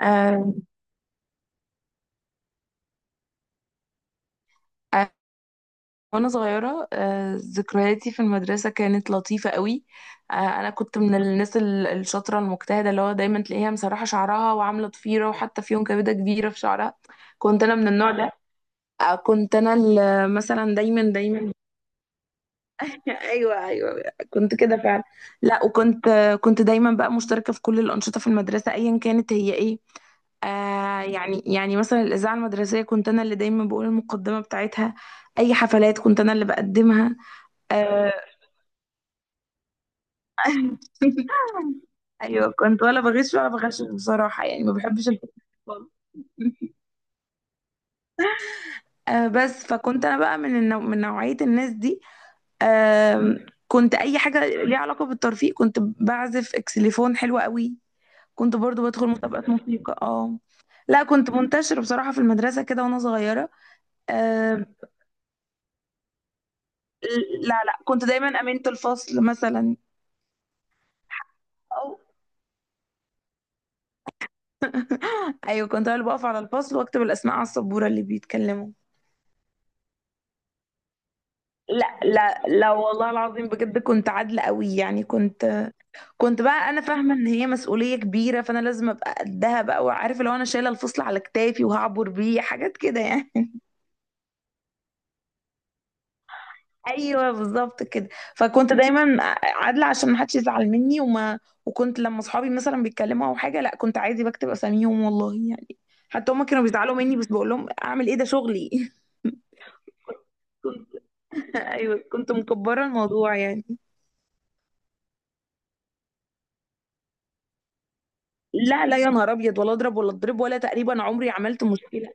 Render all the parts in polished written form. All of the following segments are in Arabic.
آه، آه، وانا صغيره، ذكرياتي في المدرسه كانت لطيفه قوي. انا كنت من الناس الشاطره المجتهده، اللي هو دايما تلاقيها مسرحه شعرها وعامله ضفيره، وحتى في يوم كبده كبيره في شعرها. كنت انا من النوع ده. كنت انا مثلا دايما دايما. ايوه، ايوه. كنت كده فعلا. لا، وكنت دايما بقى مشتركه في كل الانشطه في المدرسه ايا كانت هي ايه. يعني مثلا الاذاعه المدرسيه كنت انا اللي دايما بقول المقدمه بتاعتها، اي حفلات كنت انا اللي بقدمها. آه. ايوه، كنت ولا بغش ولا بغشش بصراحه، يعني ما بحبش الفكرة خالص. بس فكنت انا بقى من النوع، من نوعيه الناس دي. آه كنت اي حاجه ليها علاقه بالترفيه. كنت بعزف اكسليفون حلو قوي، كنت برضو بدخل مسابقات موسيقى. اه لا، كنت منتشرة بصراحة في المدرسة كده وأنا صغيرة. آه. لا، لا، كنت دايما أمينة الفصل مثلا. أو. أيوة، كنت أنا اللي بقف على الفصل وأكتب الأسماء على السبورة اللي بيتكلموا. لا، لا، لا، والله العظيم بجد كنت عادلة قوي، يعني كنت. كنت بقى أنا فاهمة إن هي مسؤولية كبيرة، فأنا لازم أبقى قدها بقى، وعارفة لو أنا شايلة الفصل على كتافي وهعبر بيه حاجات كده يعني. ايوه، بالظبط كده. فكنت دايما عادله عشان ما حدش يزعل مني وما. وكنت لما صحابي مثلا بيتكلموا او حاجه، لا كنت عادي بكتب اساميهم والله يعني. حتى هما كانوا بيزعلوا مني، بس بقول لهم اعمل ايه، ده شغلي. كنت، ايوه كنت مكبره الموضوع يعني. لا، لا، يا نهار ابيض، ولا اضرب ولا اضرب ولا، تقريبا عمري عملت مشكله.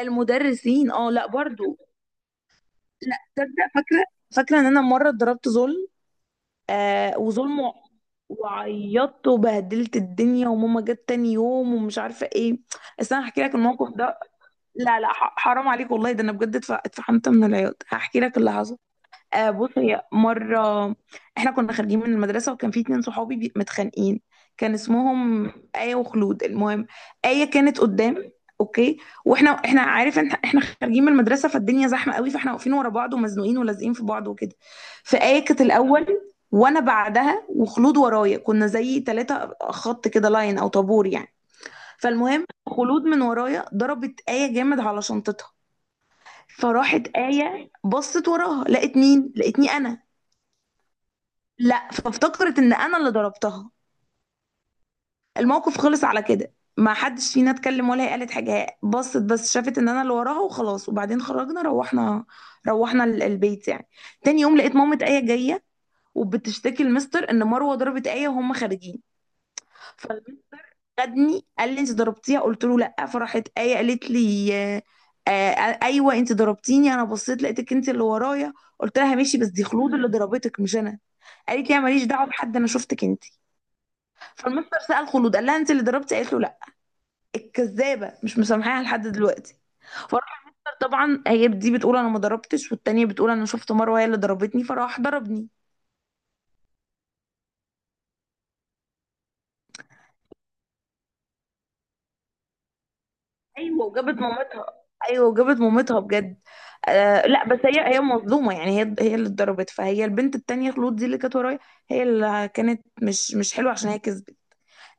المدرسين، اه لا، برضو لا تصدق. فاكره، فاكره ان انا مره اتضربت ظلم. وظلم وعيطت وبهدلت الدنيا، وماما جت تاني يوم، ومش عارفه ايه. بس انا هحكي لك الموقف ده. لا، لا، حرام عليك والله، ده انا بجد اتفحمت من العياط. هحكي لك اللي حصل. بصي، مرة احنا كنا خارجين من المدرسة، وكان في 2 صحابي متخانقين. كان اسمهم آية وخلود. المهم، آية كانت قدام. اوكي. واحنا، احنا عارف ان احنا خارجين من المدرسة، فالدنيا زحمة قوي، فاحنا واقفين ورا بعض ومزنوقين ولازقين في بعض وكده. فآية كانت الأول، وانا بعدها، وخلود ورايا. كنا زي 3 خط كده، لاين او طابور يعني. فالمهم، خلود من ورايا ضربت آية جامد على شنطتها. فراحت آية بصت وراها، لقت مين؟ لقتني انا. لا، فافتكرت ان انا اللي ضربتها. الموقف خلص على كده، ما حدش فينا اتكلم، ولا هي قالت حاجه، هي بصت بس، شافت ان انا اللي وراها وخلاص، وبعدين خرجنا، روحنا، روحنا البيت يعني. تاني يوم لقيت مامة آية جايه، وبتشتكي المستر ان مروه ضربت آية وهم خارجين. فخدني، قال لي انت ضربتيها؟ قلت له لا. فرحت آية قالت لي، ايوه انت ضربتيني، انا بصيت لقيتك انت اللي ورايا. قلت لها ماشي، بس دي خلود اللي ضربتك مش انا. قالت لي انا ماليش دعوه بحد، انا شفتك انت. فالمستر سأل خلود، قال لها انت اللي ضربتي؟ قالت له لا. الكذابه مش مسامحاها لحد دلوقتي. فراح طبعا هي دي بتقول انا ما ضربتش، والتانيه بتقول انا شفت مروه هي اللي ضربتني، فراح ضربني. ايوه وجابت مامتها. ايوه وجابت مامتها بجد. لا بس هي، هي مظلومه يعني، هي هي اللي اتضربت. فهي البنت التانيه خلود دي اللي كانت ورايا، هي اللي كانت مش حلوه، عشان هي كذبت.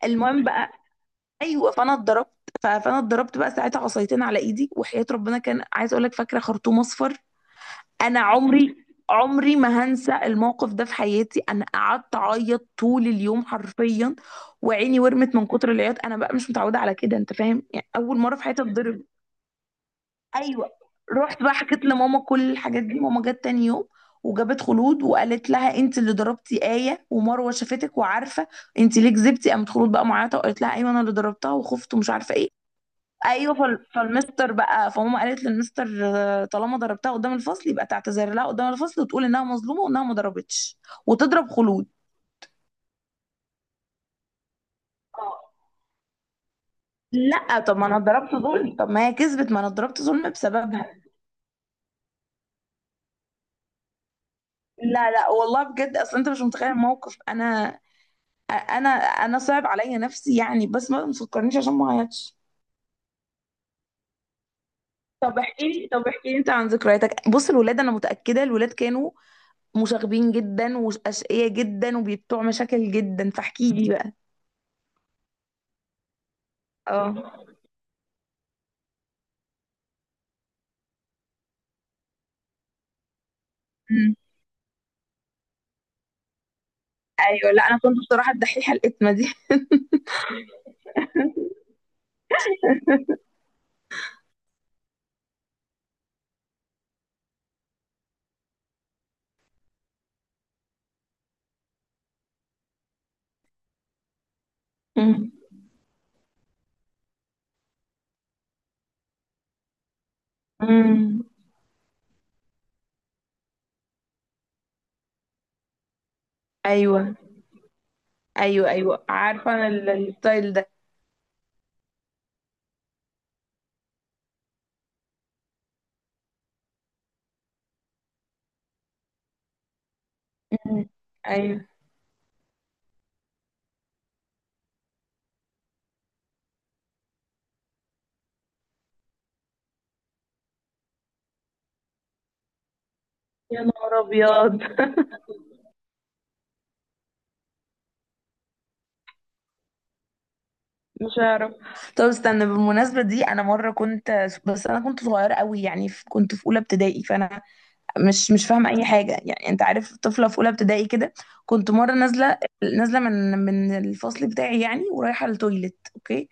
المهم بقى، ايوه فانا اتضربت. فانا اتضربت بقى ساعتها عصايتين على ايدي، وحياه ربنا كان عايز اقول لك، فاكره خرطوم اصفر. انا عمري، عمري ما هنسى الموقف ده في حياتي. انا قعدت اعيط طول اليوم حرفيا، وعيني ورمت من كتر العياط. انا بقى مش متعوده على كده انت فاهم، يعني اول مره في حياتي اتضرب. ايوه. رحت بقى حكيت لماما كل الحاجات دي، ماما جت تاني يوم وجابت خلود، وقالت لها انت اللي ضربتي آية، ومروه شافتك وعارفه، انت ليه كذبتي؟ قامت خلود بقى معيطه، وقالت لها ايوه انا اللي ضربتها، وخفت ومش عارفه ايه. ايوه، فالمستر بقى، فماما قالت للمستر، طالما ضربتها قدام الفصل يبقى تعتذر لها قدام الفصل، وتقول انها مظلومه وانها ما ضربتش، وتضرب خلود. لا، طب ما انا ضربت ظلم، طب ما هي كذبت، ما انا ضربت ظلم بسببها. لا، لا، والله بجد اصل انت مش متخيل الموقف. انا صعب عليا نفسي يعني، بس ما تفكرنيش عشان ما اعيطش. طب احكي لي، طب احكي لي انت عن ذكرياتك. بص الولاد، انا متاكده الولاد كانوا مشاغبين جدا واشقياء جدا وبيبتوع مشاكل جدا، فاحكي لي بقى. اه. امم. ايوه، لا انا كنت بصراحه الدحيحه الاتمه دي. امم. امم. ايوه، ايوه. ايوه عارفه انا الستايل ده. امم. ايوه، يا نهار ابيض. مش هعرف. طب استنى، بالمناسبه دي انا مره كنت، بس انا كنت صغيره قوي يعني، كنت في اولى ابتدائي، فانا مش فاهمه اي حاجه يعني. انت عارف طفله في اولى ابتدائي كده. كنت مره نازله، نازله من الفصل بتاعي يعني، ورايحه التويليت. اوكي.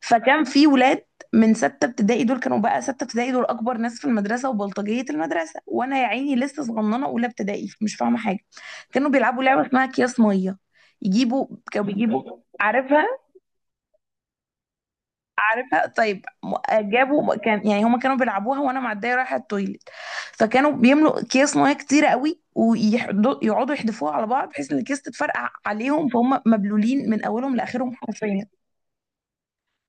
فكان في ولاد من ستة ابتدائي، دول كانوا بقى ستة ابتدائي، دول أكبر ناس في المدرسة وبلطجية المدرسة، وأنا يا عيني لسه صغننة أولى ابتدائي مش فاهمة حاجة. كانوا بيلعبوا لعبة اسمها أكياس مية. يجيبوا، كانوا بيجيبوا، عارفها؟ عارفها طيب. جابوا، كان يعني هما كانوا بيلعبوها، وأنا معدية رايحة التويليت. فكانوا بيملوا أكياس مية كتيرة قوي، ويقعدوا يحدفوها على بعض، بحيث إن الأكياس تتفرقع عليهم، فهم مبلولين من أولهم لآخرهم حرفيا.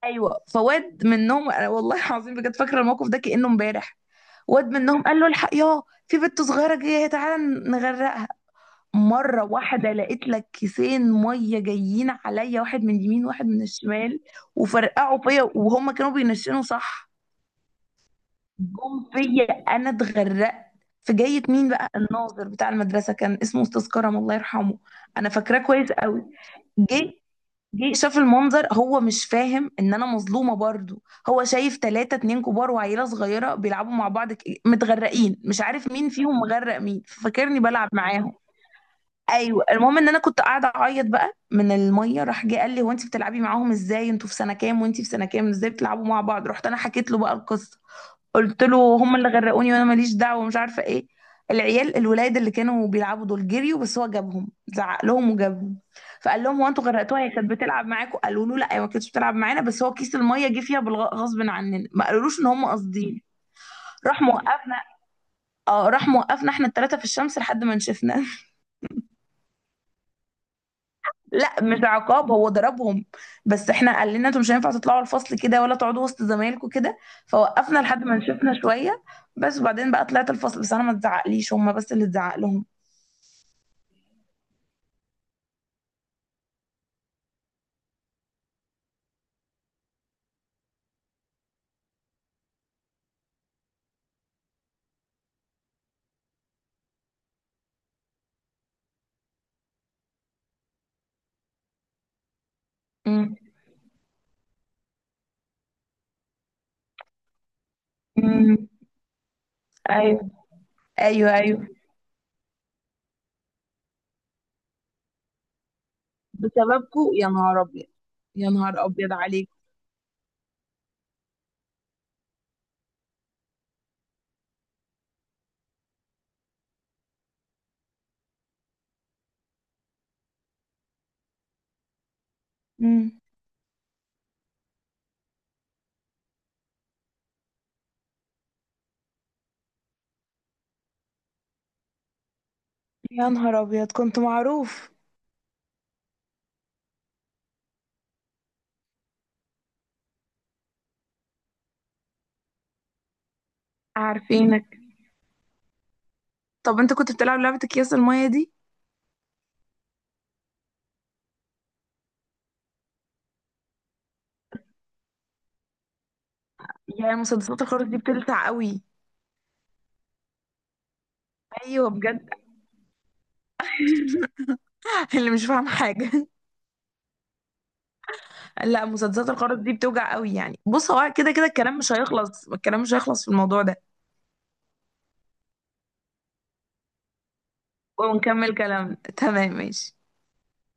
ايوه، فواد منهم، أنا والله العظيم بجد فاكره الموقف ده كانه امبارح. واد منهم قال له الحق يا، في بنت صغيره جايه، تعالى نغرقها. مره واحده لقيت لك 2 كيس ميه جايين عليا، واحد من اليمين واحد من الشمال، وفرقعوا فيا، وهم كانوا بينشنوا صح. جم فيا، انا اتغرقت. في، جاية مين بقى؟ الناظر بتاع المدرسه، كان اسمه استاذ كرم الله يرحمه. انا فاكراه كويس قوي. جه، جه شاف المنظر، هو مش فاهم ان انا مظلومه برضو، هو شايف ثلاثة، اتنين كبار وعيله صغيره بيلعبوا مع بعض، متغرقين، مش عارف مين فيهم مغرق مين، ففاكرني بلعب معاهم. ايوه. المهم ان انا كنت قاعده اعيط بقى من الميه، راح جه قال لي هو، انت بتلعبي معاهم ازاي؟ انتوا في سنه كام وانت في سنه كام، ازاي بتلعبوا مع بعض؟ رحت انا حكيت له بقى القصه، قلت له هم اللي غرقوني، وانا ماليش دعوه ومش عارفه ايه. العيال الولاد اللي كانوا بيلعبوا دول جريوا، بس هو جابهم، زعق لهم وجابهم. فقال لهم هو، انتوا غرقتوها؟ هي كانت بتلعب معاكم؟ قالوا له لا، هي ما كانتش بتلعب معانا، بس هو كيس الميه جه فيها غصب عننا، ما قالولوش ان هم قاصدين. راح موقفنا، اه راح موقفنا احنا الثلاثه في الشمس لحد ما نشفنا. لا مش عقاب، هو ضربهم، بس احنا قال لنا انتوا مش هينفع تطلعوا الفصل كده ولا تقعدوا وسط زمايلكم كده. فوقفنا لحد ما نشفنا شويه بس، وبعدين بقى طلعت الفصل. بس انا ما اتزعقليش، هم بس اللي اتزعق لهم. امم. امم. ايوه، ايوه. ايوه، بسببكو يا نهار ابيض. يا نهار ابيض عليك. امم. يا نهار ابيض، كنت معروف. عارفينك. طب انت كنت بتلعب لعبه اكياس الميه دي؟ يا، مسدسات الخرز دي بتلسع قوي. ايوه بجد. اللي مش فاهم حاجه. لا، مسدسات الخرز دي بتوجع قوي يعني. بص، هو كده كده الكلام مش هيخلص، الكلام مش هيخلص في الموضوع ده. ونكمل كلامنا، تمام ماشي.